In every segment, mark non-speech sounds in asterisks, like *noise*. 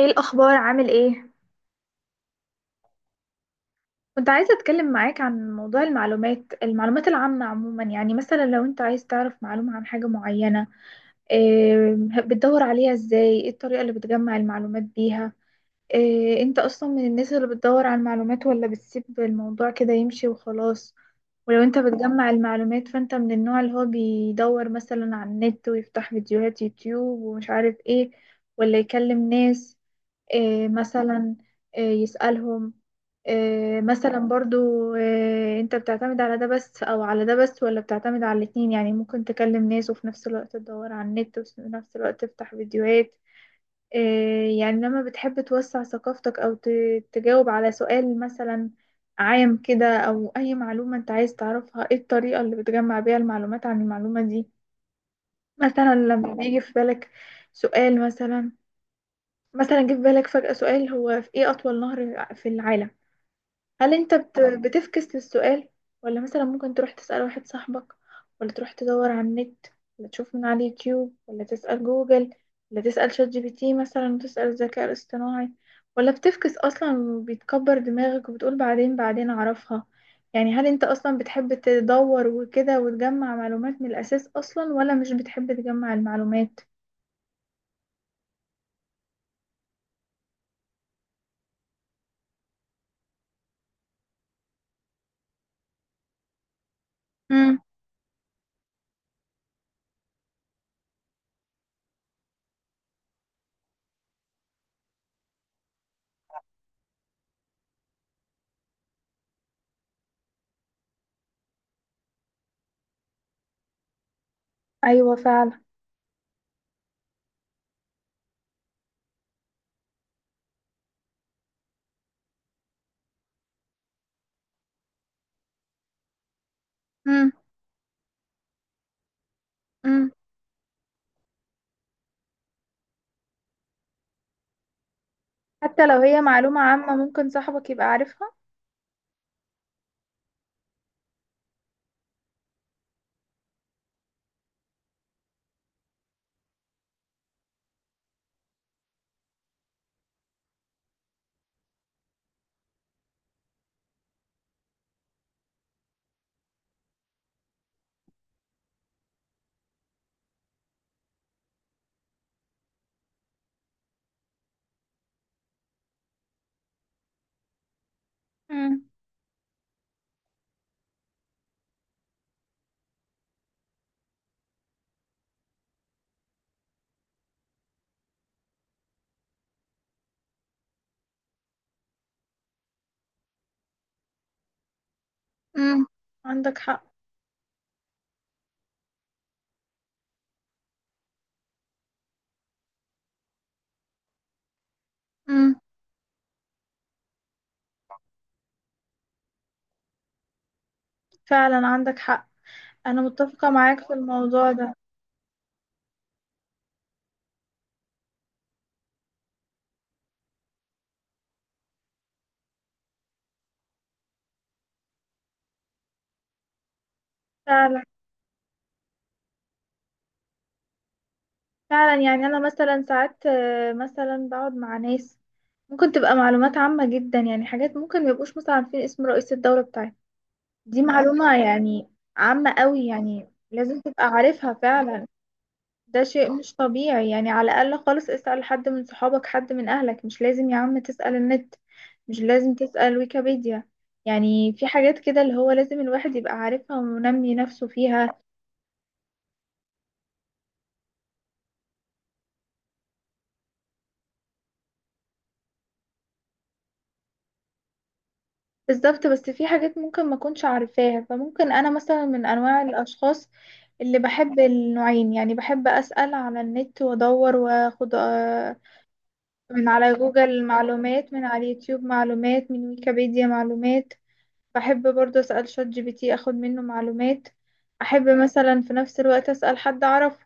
ايه الاخبار؟ عامل ايه؟ كنت عايزه اتكلم معاك عن موضوع المعلومات العامه عموما، يعني مثلا لو انت عايز تعرف معلومه عن حاجه معينه. إيه؟ بتدور عليها ازاي؟ ايه الطريقه اللي بتجمع المعلومات بيها؟ إيه، انت اصلا من الناس اللي بتدور على المعلومات، ولا بتسيب الموضوع كده يمشي وخلاص؟ ولو انت بتجمع المعلومات، فانت من النوع اللي هو بيدور مثلا على النت ويفتح فيديوهات يوتيوب ومش عارف ايه، ولا يكلم ناس؟ إيه مثلا؟ إيه يسألهم؟ إيه مثلا برضو؟ إيه، انت بتعتمد على ده بس او على ده بس، ولا بتعتمد على الاتنين؟ يعني ممكن تكلم ناس وفي نفس الوقت تدور على النت وفي نفس الوقت تفتح فيديوهات. يعني لما بتحب توسع ثقافتك أو تجاوب على سؤال مثلا عام كده، أو أي معلومة أنت عايز تعرفها، إيه الطريقة اللي بتجمع بيها المعلومات عن المعلومة دي؟ مثلا لما بيجي في بالك سؤال مثلا. مثلا جه في بالك فجأة سؤال: هو في إيه أطول نهر في العالم؟ هل انت بتفكس للسؤال، ولا مثلا ممكن تروح تسأل واحد صاحبك، ولا تروح تدور على النت، ولا تشوف من على اليوتيوب، ولا تسأل جوجل، ولا تسأل شات جي بي تي مثلا وتسأل الذكاء الاصطناعي، ولا بتفكس اصلا وبيتكبر دماغك وبتقول بعدين بعدين اعرفها؟ يعني هل انت اصلا بتحب تدور وكده وتجمع معلومات من الاساس اصلا، ولا مش بتحب تجمع المعلومات؟ امم. ايوه فعلا. امم. امم. حتى لو هي معلومة عامة ممكن صاحبك يبقى عارفها. مم. امم. عندك حق. امم. فعلا عندك حق. انا متفقة معاك في الموضوع ده. فعلا. فعلا، يعني انا مثلا ساعات، مثلا بقعد مع ناس ممكن تبقى معلومات عامة جدا، يعني حاجات ممكن ما يبقوش مثلا عارفين اسم رئيس الدولة بتاعتنا. دي معلومة يعني عامة قوي، يعني لازم تبقى عارفها فعلا. ده شيء مش طبيعي، يعني على الأقل خالص اسأل حد من صحابك، حد من أهلك. مش لازم يا عم تسأل النت، مش لازم تسأل ويكيبيديا. يعني في حاجات كده اللي هو لازم الواحد يبقى عارفها ومنمي نفسه فيها. بالظبط، بس في حاجات ممكن ما كنتش عارفاها. فممكن أنا مثلا من أنواع الأشخاص اللي بحب النوعين، يعني بحب أسأل على النت وأدور وأخد من على جوجل معلومات، من على اليوتيوب معلومات، من ويكيبيديا معلومات. بحب برضه أسأل شات جي بي تي أخد منه معلومات. أحب مثلا في نفس الوقت أسأل حد أعرفه.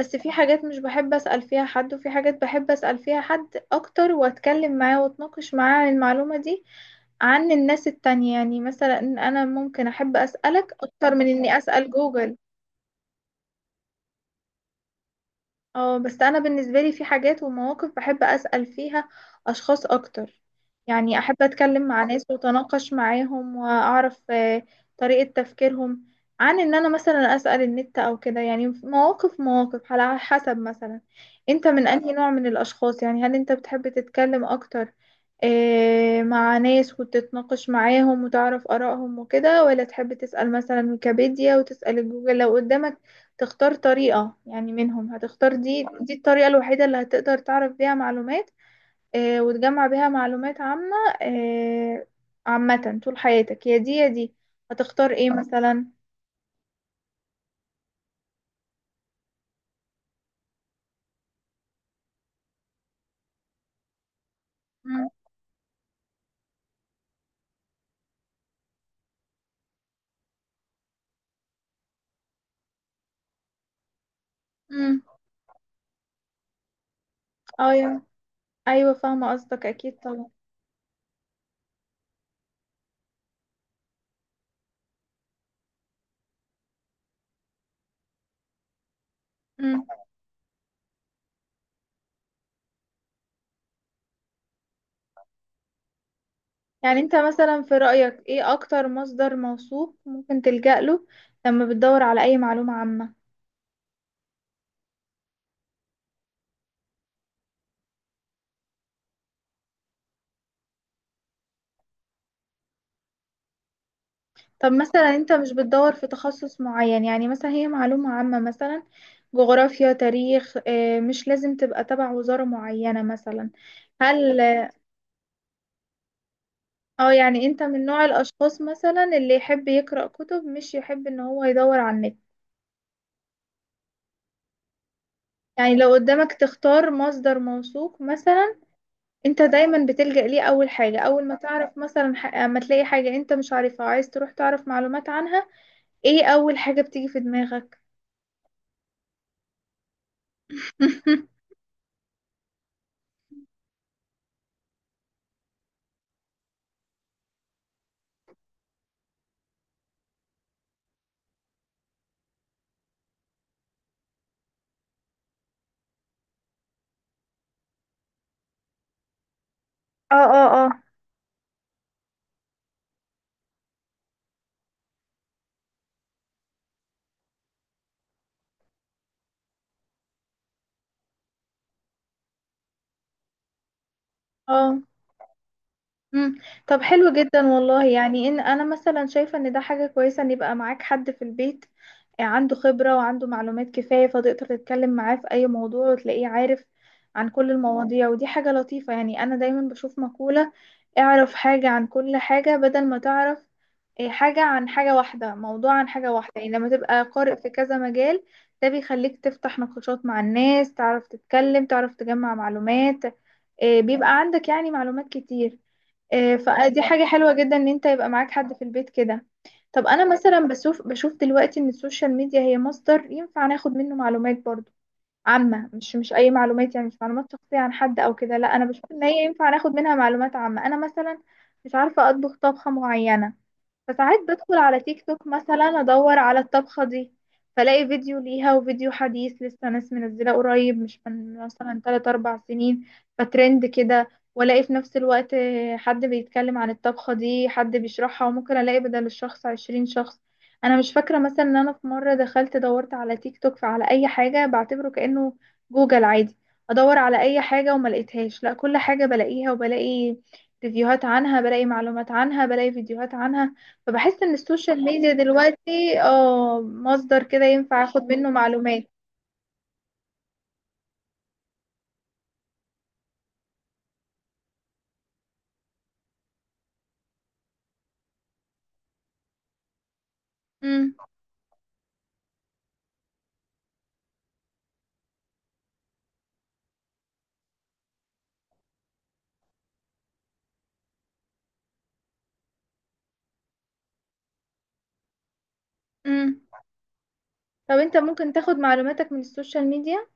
بس في حاجات مش بحب أسأل فيها حد، وفي حاجات بحب أسأل فيها حد أكتر وأتكلم معاه وأتناقش معاه عن المعلومة دي، عن الناس التانية. يعني مثلا أنا ممكن أحب أسألك أكتر من إني أسأل جوجل. اه، بس انا بالنسبه لي في حاجات ومواقف بحب اسال فيها اشخاص اكتر. يعني احب اتكلم مع ناس واتناقش معاهم واعرف طريقه تفكيرهم، عن ان انا مثلا اسال النت او كده. يعني مواقف مواقف على حسب مثلا. انت من انهي نوع من الاشخاص؟ يعني هل انت بتحب تتكلم اكتر مع ناس وتتناقش معاهم وتعرف آرائهم وكده، ولا تحب تسأل مثلا ويكيبيديا وتسأل جوجل لو قدامك؟ تختار طريقة يعني؟ منهم هتختار؟ دي الطريقة الوحيدة اللي هتقدر تعرف بيها معلومات وتجمع بيها معلومات عامة، آه، عامة طول حياتك، يا دي يا دي. هتختار ايه مثلا؟ مم، مم، ايوه. ايوه فاهمة قصدك اكيد طبعا. مم. يعني انت مثلا في رأيك ايه اكتر مصدر موثوق ممكن تلجأ له لما بتدور على اي معلومة عامة؟ طب مثلا انت مش بتدور في تخصص معين، يعني مثلا هي معلومة عامة مثلا جغرافيا، تاريخ، مش لازم تبقى تبع وزارة معينة مثلا. هل اه يعني انت من نوع الاشخاص مثلا اللي يحب يقرأ كتب، مش يحب ان هو يدور على النت؟ يعني لو قدامك تختار مصدر موثوق مثلا، انت دايما بتلجأ ليه اول حاجة؟ اول ما تعرف مثلا اما تلاقي حاجة انت مش عارفها عايز تروح تعرف معلومات عنها، ايه اول حاجة بتيجي في دماغك؟ *laughs* اه، اه، اه. اه. مم. طب حلو جدا والله، يعني ان انا مثلا شايفه ان ده حاجه كويسه ان يبقى معاك حد في البيت عنده خبره وعنده معلومات كفايه، فتقدر تتكلم معاه في اي موضوع وتلاقيه عارف عن كل المواضيع. ودي حاجه لطيفه. يعني انا دايما بشوف مقوله: اعرف حاجه عن كل حاجه، بدل ما تعرف حاجه عن حاجه واحده، موضوع عن حاجه واحده. يعني لما تبقى قارئ في كذا مجال ده بيخليك تفتح نقاشات مع الناس، تعرف تتكلم، تعرف تجمع معلومات. بيبقى عندك يعني معلومات كتير. فدي حاجة حلوة جدا ان انت يبقى معاك حد في البيت كده. طب انا مثلا بشوف دلوقتي ان السوشيال ميديا هي مصدر ينفع ناخد منه معلومات برضو عامة، مش اي معلومات. يعني مش معلومات شخصية عن حد او كده، لا، انا بشوف ان هي ينفع ناخد منها معلومات عامة. انا مثلا مش عارفة اطبخ طبخة معينة، فساعات بدخل على تيك توك مثلا ادور على الطبخة دي، فلاقي فيديو ليها وفيديو حديث لسه ناس منزلة قريب، مش من مثلا 3 4 سنين فترند كده. والاقي في نفس الوقت حد بيتكلم عن الطبخة دي، حد بيشرحها، وممكن الاقي بدل الشخص 20 شخص. انا مش فاكرة مثلا ان انا في مرة دخلت دورت على تيك توك فعلى اي حاجة، بعتبره كأنه جوجل عادي. ادور على اي حاجة وما لقيتهاش، لا كل حاجة بلاقيها وبلاقي ريفيوهات عنها، بلاقي معلومات عنها، بلاقي فيديوهات عنها. فبحس ان السوشيال ميديا دلوقتي اه مصدر كده ينفع اخد منه معلومات. امم. امم. طب انت ممكن تاخد معلوماتك من السوشيال ميديا؟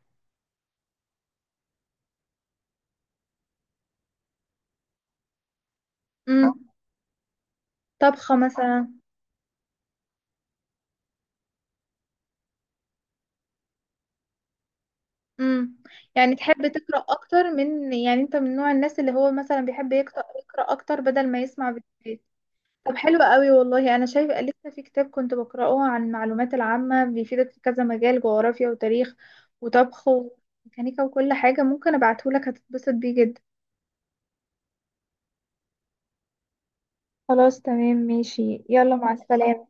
امم. طبخة مثلا. امم. يعني تحب تقرأ اكتر من؟ يعني انت من نوع الناس اللي هو مثلا بيحب يقرأ اكتر بدل ما يسمع فيديوهات؟ طب حلو قوي والله. انا شايفه لسه في كتاب كنت بقرأه عن المعلومات العامة، بيفيدك في كذا مجال: جغرافيا، وتاريخ، وطبخ، وميكانيكا، وكل حاجة. ممكن ابعتهولك، هتتبسط بيه جدا. خلاص تمام ماشي. يلا، مع السلامة.